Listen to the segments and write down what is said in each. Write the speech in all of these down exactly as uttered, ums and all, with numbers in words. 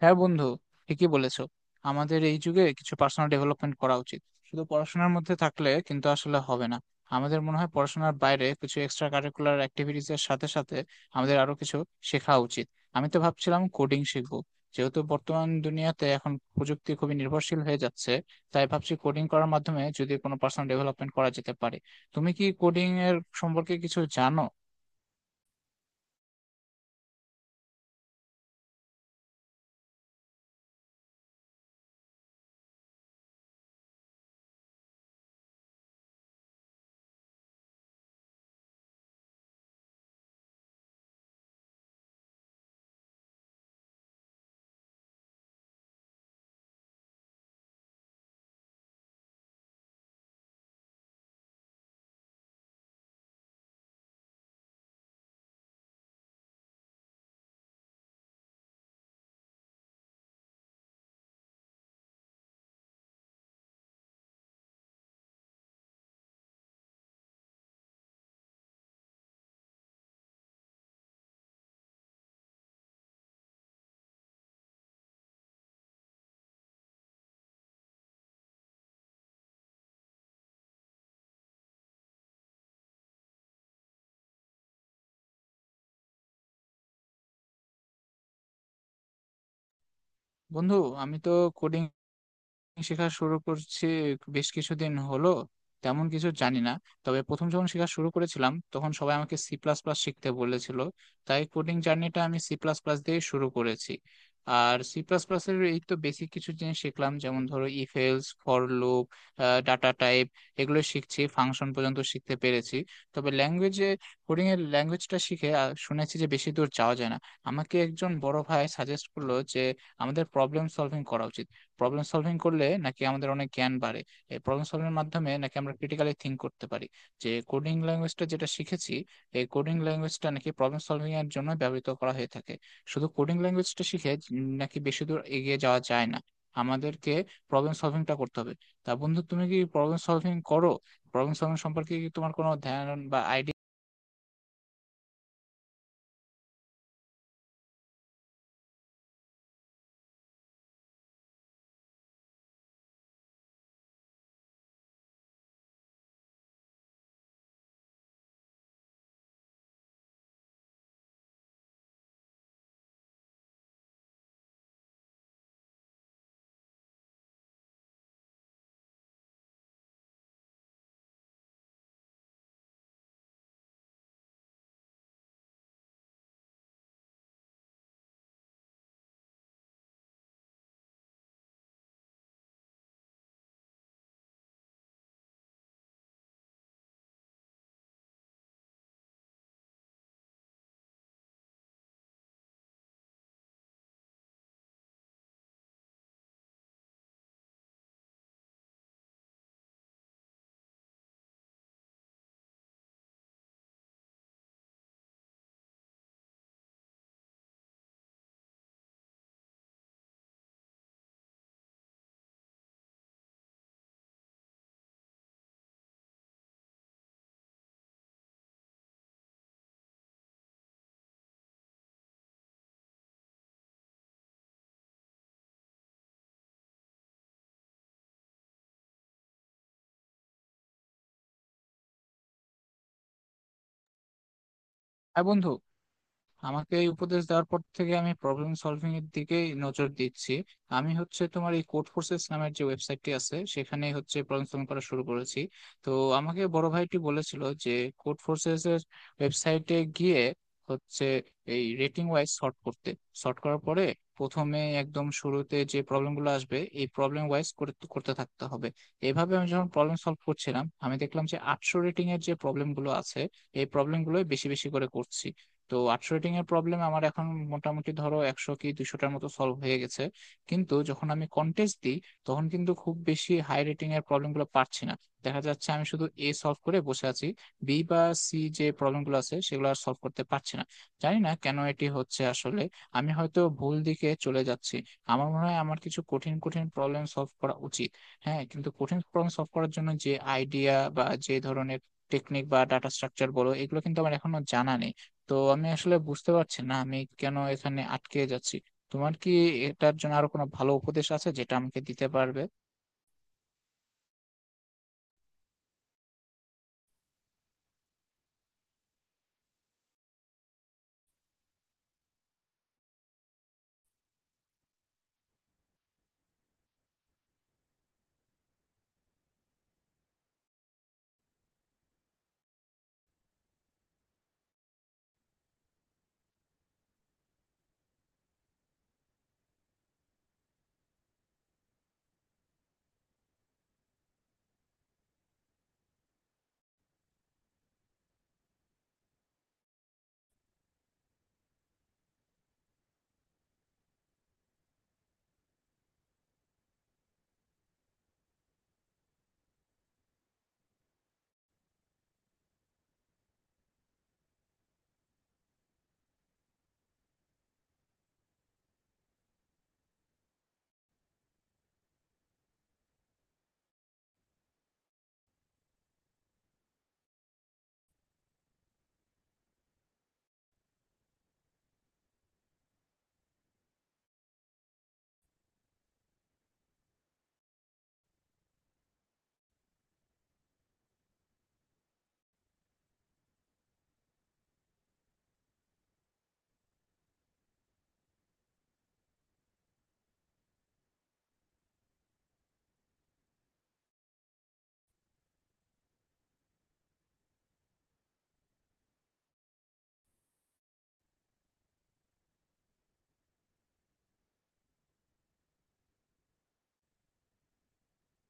হ্যাঁ বন্ধু, ঠিকই বলেছো। আমাদের এই যুগে কিছু পার্সোনাল ডেভেলপমেন্ট করা উচিত। শুধু পড়াশোনার মধ্যে থাকলে কিন্তু আসলে হবে না। আমাদের মনে হয় পড়াশোনার বাইরে কিছু এক্সট্রা কারিকুলার অ্যাক্টিভিটিস এর সাথে সাথে আমাদের আরো কিছু শেখা উচিত। আমি তো ভাবছিলাম কোডিং শিখবো, যেহেতু বর্তমান দুনিয়াতে এখন প্রযুক্তি খুবই নির্ভরশীল হয়ে যাচ্ছে। তাই ভাবছি কোডিং করার মাধ্যমে যদি কোনো পার্সোনাল ডেভেলপমেন্ট করা যেতে পারে। তুমি কি কোডিং এর সম্পর্কে কিছু জানো? বন্ধু, আমি তো কোডিং শেখা শুরু করছি বেশ কিছুদিন হলো, তেমন কিছু জানি না। তবে প্রথম যখন শেখা শুরু করেছিলাম তখন সবাই আমাকে সি প্লাস প্লাস শিখতে বলেছিল। তাই কোডিং জার্নিটা আমি সি প্লাস প্লাস দিয়ে শুরু করেছি। আর সি প্লাস প্লাস এর এই তো বেসিক কিছু জিনিস শিখলাম, যেমন ধরো if else for loop, data type, এগুলো শিখছি, ফাংশন পর্যন্ত শিখতে পেরেছি। তবে ল্যাঙ্গুয়েজে কোডিং এর ল্যাঙ্গুয়েজটা শিখে আহ, শুনেছি যে বেশি দূর যাওয়া যায় না। আমাকে একজন বড় ভাই সাজেস্ট করলো যে আমাদের প্রবলেম সলভিং করা উচিত। প্রবলেম সলভিং করলে নাকি আমাদের অনেক জ্ঞান বাড়ে। এই প্রবলেম সলভিং এর মাধ্যমে নাকি আমরা ক্রিটিক্যালি থিঙ্ক করতে পারি। যে কোডিং ল্যাঙ্গুয়েজটা যেটা শিখেছি, এই কোডিং ল্যাঙ্গুয়েজটা নাকি প্রবলেম সলভিং এর জন্য ব্যবহৃত করা হয়ে থাকে। শুধু কোডিং ল্যাঙ্গুয়েজটা শিখে উম, নাকি বেশি দূর এগিয়ে যাওয়া যায় না। আমাদেরকে প্রবলেম সলভিংটা করতে হবে। তা বন্ধু, তুমি কি প্রবলেম সলভিং করো? প্রবলেম সলভিং সম্পর্কে কি তোমার কোনো ধ্যান বা আইডিয়া? হ্যাঁ বন্ধু, আমাকে এই উপদেশ দেওয়ার পর থেকে আমি প্রবলেম সলভিং এর দিকেই নজর দিচ্ছি। আমি হচ্ছে তোমার এই কোড ফোর্সেস নামের যে ওয়েবসাইটটি আছে সেখানে হচ্ছে প্রবলেম সলভিং করা শুরু করেছি। তো আমাকে বড় ভাইটি বলেছিল যে কোড ফোর্সেস এর ওয়েবসাইটে গিয়ে হচ্ছে এই রেটিং ওয়াইজ সর্ট করতে। সর্ট করার পরে প্রথমে একদম শুরুতে যে প্রবলেমগুলো আসবে এই প্রবলেম ওয়াইজ করতে করতে থাকতে হবে। এভাবে আমি যখন প্রবলেম সলভ করছিলাম আমি দেখলাম যে আটশো রেটিং এর যে প্রবলেমগুলো আছে এই প্রবলেমগুলো বেশি বেশি করে করছি। তো আটশো রেটিং এর প্রবলেম আমার এখন মোটামুটি ধরো একশো কি দুশোটার মতো সলভ হয়ে গেছে। কিন্তু যখন আমি কন্টেস্ট দিই তখন কিন্তু খুব বেশি হাই রেটিং এর প্রবলেম গুলো পারছি না। দেখা যাচ্ছে আমি শুধু এ সলভ করে বসে আছি। বি বা সি যে প্রবলেম গুলো আছে সেগুলো আর সলভ করতে পারছি না। জানি না কেন এটি হচ্ছে। আসলে আমি হয়তো ভুল দিকে চলে যাচ্ছি। আমার মনে হয় আমার কিছু কঠিন কঠিন প্রবলেম সলভ করা উচিত। হ্যাঁ, কিন্তু কঠিন প্রবলেম সলভ করার জন্য যে আইডিয়া বা যে ধরনের টেকনিক বা ডাটা স্ট্রাকচার বলো, এগুলো কিন্তু আমার এখনো জানা নেই। তো আমি আসলে বুঝতে পারছি না আমি কেন এখানে আটকে যাচ্ছি। তোমার কি এটার জন্য আরো কোনো ভালো উপদেশ আছে যেটা আমাকে দিতে পারবে?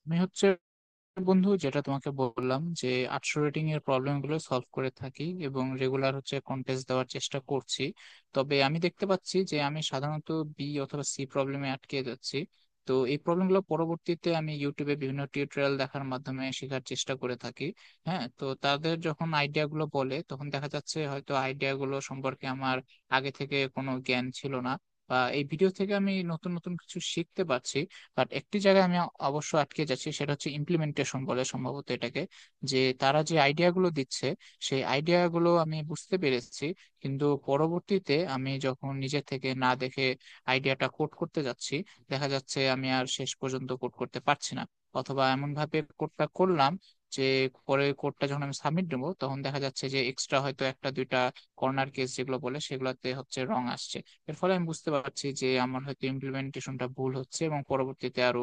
আমি হচ্ছে বন্ধু, যেটা তোমাকে বললাম যে আটশো রেটিং এর প্রবলেম গুলো সলভ করে থাকি এবং রেগুলার হচ্ছে কন্টেস্ট দেওয়ার চেষ্টা করছি। তবে আমি দেখতে পাচ্ছি যে আমি সাধারণত বি অথবা সি প্রবলেমে আটকে যাচ্ছি। তো এই প্রবলেম গুলো পরবর্তীতে আমি ইউটিউবে বিভিন্ন টিউটোরিয়াল দেখার মাধ্যমে শেখার চেষ্টা করে থাকি। হ্যাঁ, তো তাদের যখন আইডিয়া গুলো বলে তখন দেখা যাচ্ছে হয়তো আইডিয়া গুলো সম্পর্কে আমার আগে থেকে কোনো জ্ঞান ছিল না, বা এই ভিডিও থেকে আমি নতুন নতুন কিছু শিখতে পারছি। বাট একটি জায়গায় আমি অবশ্য আটকে যাচ্ছি, সেটা হচ্ছে ইমপ্লিমেন্টেশন বলে সম্ভবত এটাকে। যে তারা যে আইডিয়া গুলো দিচ্ছে সেই আইডিয়া গুলো আমি বুঝতে পেরেছি, কিন্তু পরবর্তীতে আমি যখন নিজে থেকে না দেখে আইডিয়াটা কোড করতে যাচ্ছি, দেখা যাচ্ছে আমি আর শেষ পর্যন্ত কোড করতে পারছি না। অথবা এমন ভাবে কোডটা করলাম যে পরে কোডটা যখন আমি সাবমিট দেবো তখন দেখা যাচ্ছে যে এক্সট্রা হয়তো একটা দুইটা কর্নার কেস, যেগুলো বলে সেগুলোতে হচ্ছে রং আসছে। এর ফলে আমি বুঝতে পারছি যে আমার হয়তো ইমপ্লিমেন্টেশনটা ভুল হচ্ছে, এবং পরবর্তীতে আরো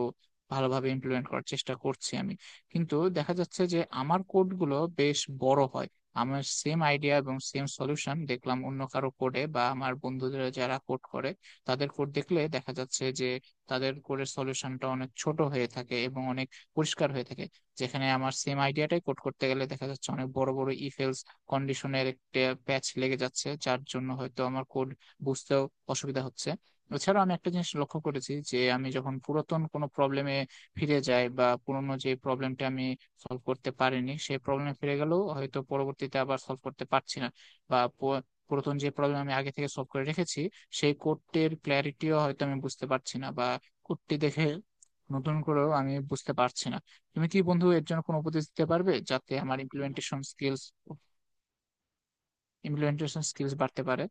ভালোভাবে ইমপ্লিমেন্ট করার চেষ্টা করছি আমি। কিন্তু দেখা যাচ্ছে যে আমার কোডগুলো বেশ বড় হয়। আমার সেম আইডিয়া এবং সেম সলিউশন দেখলাম অন্য কারো কোডে বা আমার বন্ধুদের যারা কোড করে, তাদের কোড দেখলে দেখা যাচ্ছে যে তাদের কোডের সলিউশনটা অনেক ছোট হয়ে থাকে এবং অনেক পরিষ্কার হয়ে থাকে। যেখানে আমার সেম আইডিয়াটাই কোড করতে গেলে দেখা যাচ্ছে অনেক বড় বড় ইফেলস কন্ডিশনের একটা প্যাচ লেগে যাচ্ছে, যার জন্য হয়তো আমার কোড বুঝতেও অসুবিধা হচ্ছে। এছাড়াও আমি একটা জিনিস লক্ষ্য করেছি যে আমি যখন পুরাতন কোনো প্রবলেমে ফিরে যাই বা পুরনো যে প্রবলেমটা আমি সলভ করতে পারিনি সেই প্রবলেমে ফিরে গেলেও হয়তো পরবর্তীতে আবার সলভ করতে পারছি না। বা প- পুরাতন যে প্রবলেম আমি আগে থেকে সলভ করে রেখেছি সেই কোডটির ক্ল্যারিটিও হয়তো আমি বুঝতে পারছি না, বা কোডটি দেখে নতুন করেও আমি বুঝতে পারছি না। তুমি কি বন্ধু এর জন্য কোনো উপদেশ দিতে পারবে যাতে আমার ইমপ্লিমেন্টেশন স্কিলস ইমপ্লিমেন্টেশন স্কিলস বাড়তে পারে?